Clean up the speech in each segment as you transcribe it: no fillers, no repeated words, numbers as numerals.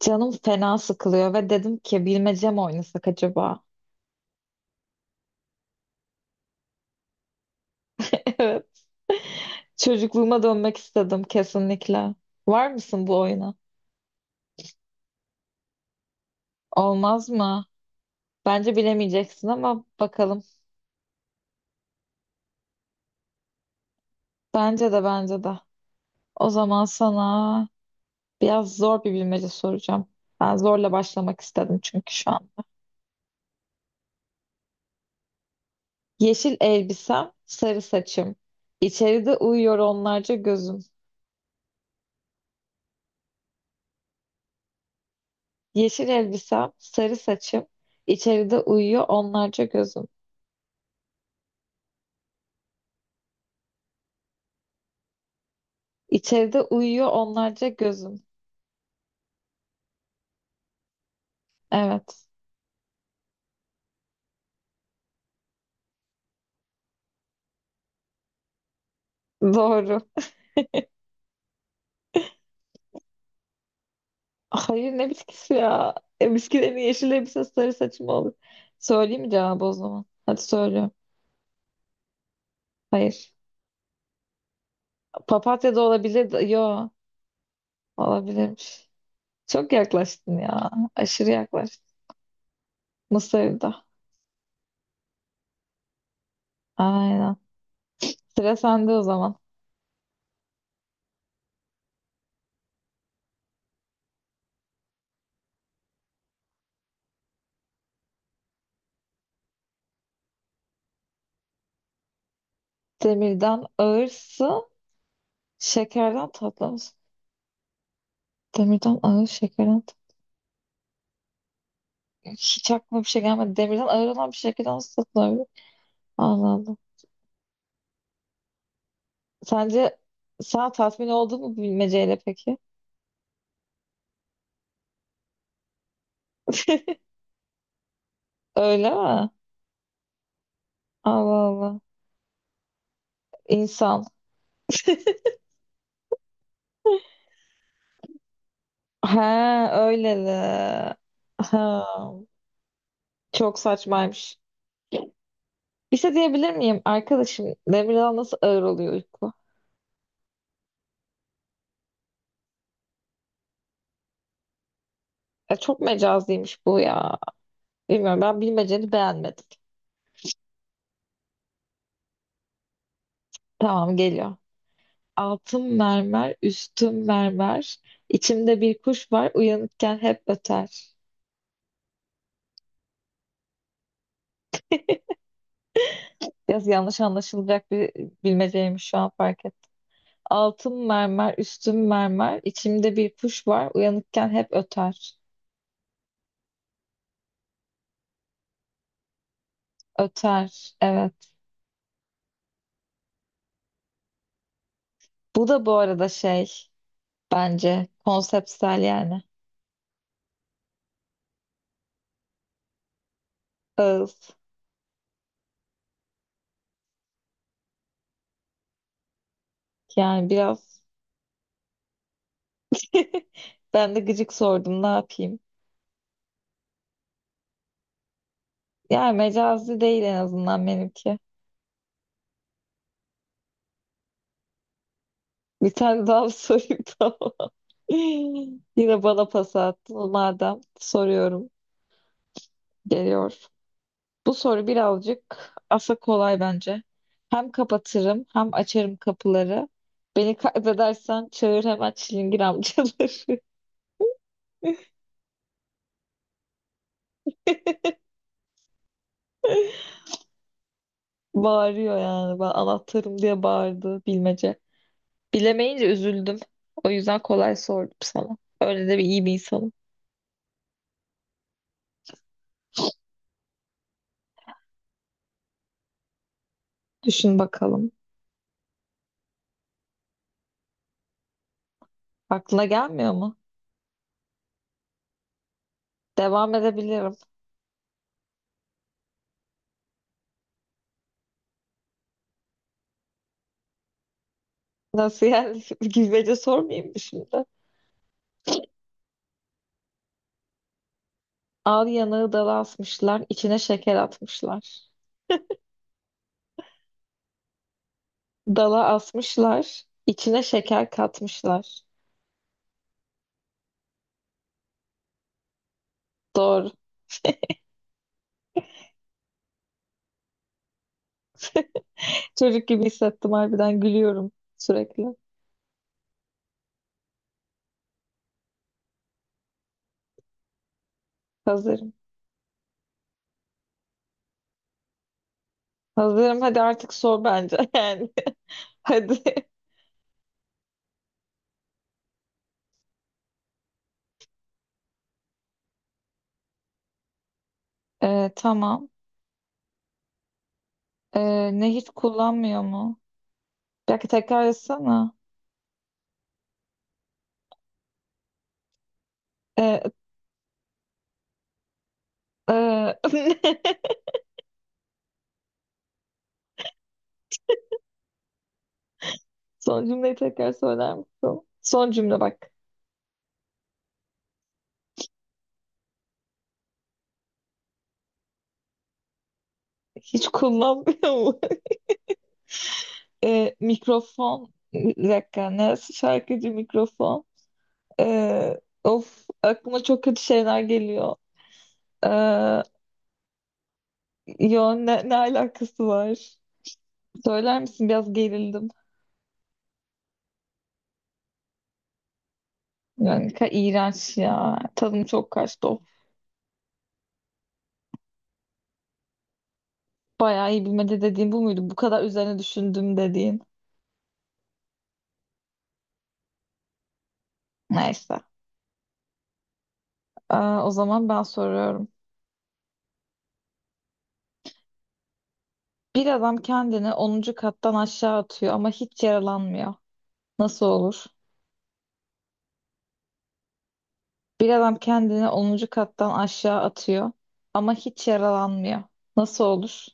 Canım fena sıkılıyor ve dedim ki bilmece mi oynasak acaba? Evet. Çocukluğuma dönmek istedim kesinlikle. Var mısın bu oyuna? Olmaz mı? Bence bilemeyeceksin ama bakalım. Bence de bence de. O zaman sana biraz zor bir bilmece soracağım. Ben zorla başlamak istedim çünkü şu an. Yeşil elbisem, sarı saçım. İçeride uyuyor onlarca gözüm. Yeşil elbisem, sarı saçım. İçeride uyuyor onlarca gözüm. İçeride uyuyor onlarca gözüm. Evet. Doğru. Hayır ne bitkisi ya? Bitkilerin yeşil elbise sarı saçı mı olur? Söyleyeyim mi cevabı o zaman? Hadi söylüyorum. Hayır. Papatya da olabilir. Yo. Olabilirmiş. Çok yaklaştın ya. Aşırı yaklaştın. Mısır'da. Aynen. Sıra sende o zaman. Demirden ağırsın. Şekerden tatlı mısın? Demirden ağır, şekerden tatlı. Hiç aklıma bir şey gelmedi. Demirden ağır olan bir şekerden nasıl tatlı olabilir? Allah Allah. Sence sen tatmin oldun mu bilmeceyle peki? Öyle mi? Allah Allah. İnsan. He öyle de. Ha, çok saçmaymış. Bir şey diyebilir miyim? Arkadaşım Demirel nasıl ağır oluyor uyku? Çok mecazlıymış bu ya. Bilmiyorum ben bilmeceni beğenmedim. Tamam geliyor. Altın mermer, üstüm mermer. İçimde bir kuş var, uyanıkken hep öter. Biraz yanlış anlaşılacak bir bilmeceymiş şu an fark ettim. Altın mermer, üstün mermer, içimde bir kuş var, uyanıkken hep öter. Öter, evet. Bu da bu arada şey, bence konseptsel yani. Ağız. Yani biraz ben de gıcık sordum, ne yapayım? Yani mecazi değil en azından benimki. Bir tane daha sorayım tamam. Yine bana pas attın madem. Soruyorum. Geliyor. Bu soru birazcık asa kolay bence. Hem kapatırım hem açarım kapıları. Beni kaybedersen çağır hemen çilingir amcaları. Bağırıyor yani. Ben anahtarım diye bağırdı bilmece. Bilemeyince üzüldüm. O yüzden kolay sordum sana. Öyle de bir iyi bir insanım. Düşün bakalım. Aklına gelmiyor mu? Devam edebilirim. Nasıl yani? Bilmece sormayayım mı şimdi? Al yanağı dala asmışlar, içine şeker atmışlar. Dala asmışlar. İçine şeker katmışlar. Doğru. Çocuk gibi hissettim harbiden gülüyorum sürekli. Hazırım. Hazırım hadi artık sor bence yani. Hadi. Tamam. Ee, Nehir kullanmıyor mu? Bir dakika tekrar etsene. Ee, e, Son cümleyi tekrar söyler misin? Son cümle bak. Hiç kullanmıyor mu? Mikrofon. Bir dakika. Neresi şarkıcı mikrofon? Of aklıma çok kötü şeyler geliyor. Ee, Yo ne alakası var? Söyler misin? Biraz gerildim. Yani iğrenç ya. Tadım çok kaçtı. Of. Bayağı iyi bilmece dediğim bu muydu? Bu kadar üzerine düşündüm dediğin. Neyse. O zaman ben soruyorum. Bir adam kendini onuncu kattan aşağı atıyor ama hiç yaralanmıyor. Nasıl olur? Bir adam kendini onuncu kattan aşağı atıyor ama hiç yaralanmıyor. Nasıl olur?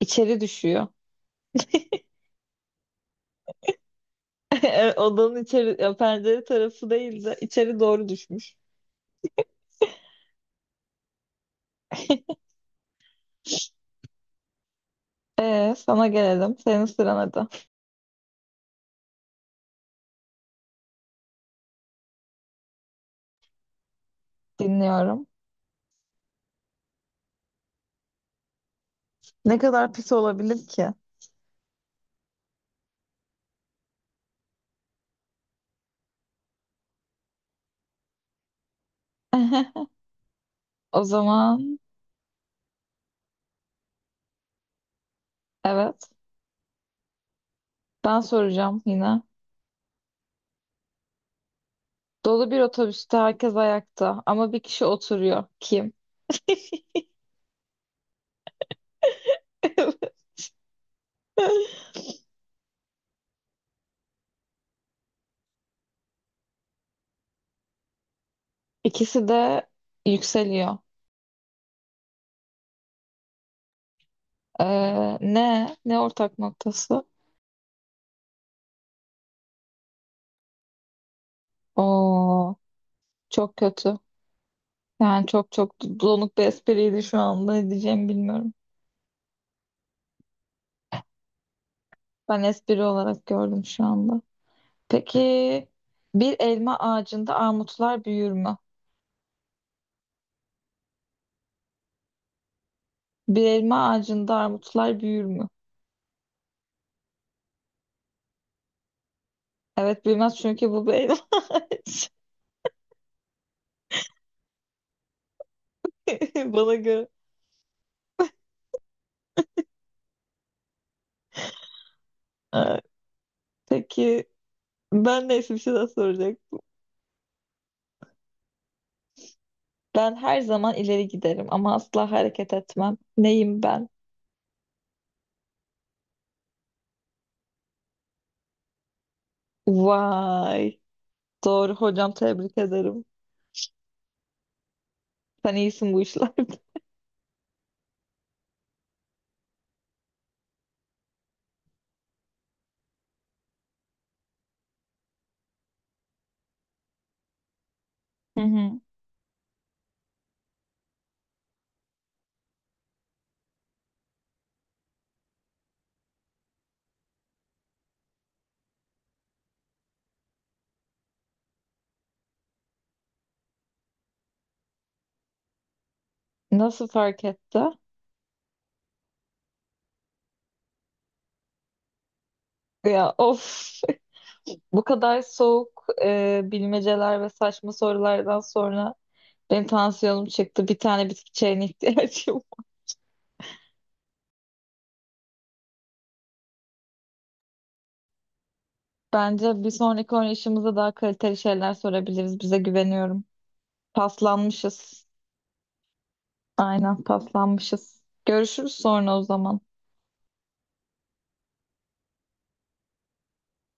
İçeri düşüyor. Odanın içeri, ya pencere tarafı değil de içeri doğru düşmüş. Sana gelelim. Senin sıran hadi. Dinliyorum. Ne kadar pis olabilir ki? O zaman evet. Ben soracağım yine. Dolu bir otobüste herkes ayakta ama bir kişi oturuyor. Kim? İkisi de yükseliyor. Ne? Ne ortak noktası? Oo, çok kötü. Yani çok çok donuk bir espriydi şu anda. Ne diyeceğimi bilmiyorum. Ben espri olarak gördüm şu anda. Peki bir elma ağacında armutlar büyür mü? Bir elma ağacında armutlar büyür mü? Evet büyümez çünkü bu bir elma ağacı. Bana göre. Evet. Peki ben neyse bir şey daha soracak. Ben her zaman ileri giderim ama asla hareket etmem. Neyim ben? Vay. Doğru hocam tebrik ederim. Sen iyisin bu işlerde. Hı hı. Nasıl fark etti? Ya of. Bu kadar soğuk bilmeceler ve saçma sorulardan sonra benim tansiyonum çıktı. Bir tane bitki çayına ihtiyacım var. Bence bir sonraki oynayışımızda daha kaliteli şeyler sorabiliriz. Bize güveniyorum. Paslanmışız. Aynen paslanmışız. Görüşürüz sonra o zaman.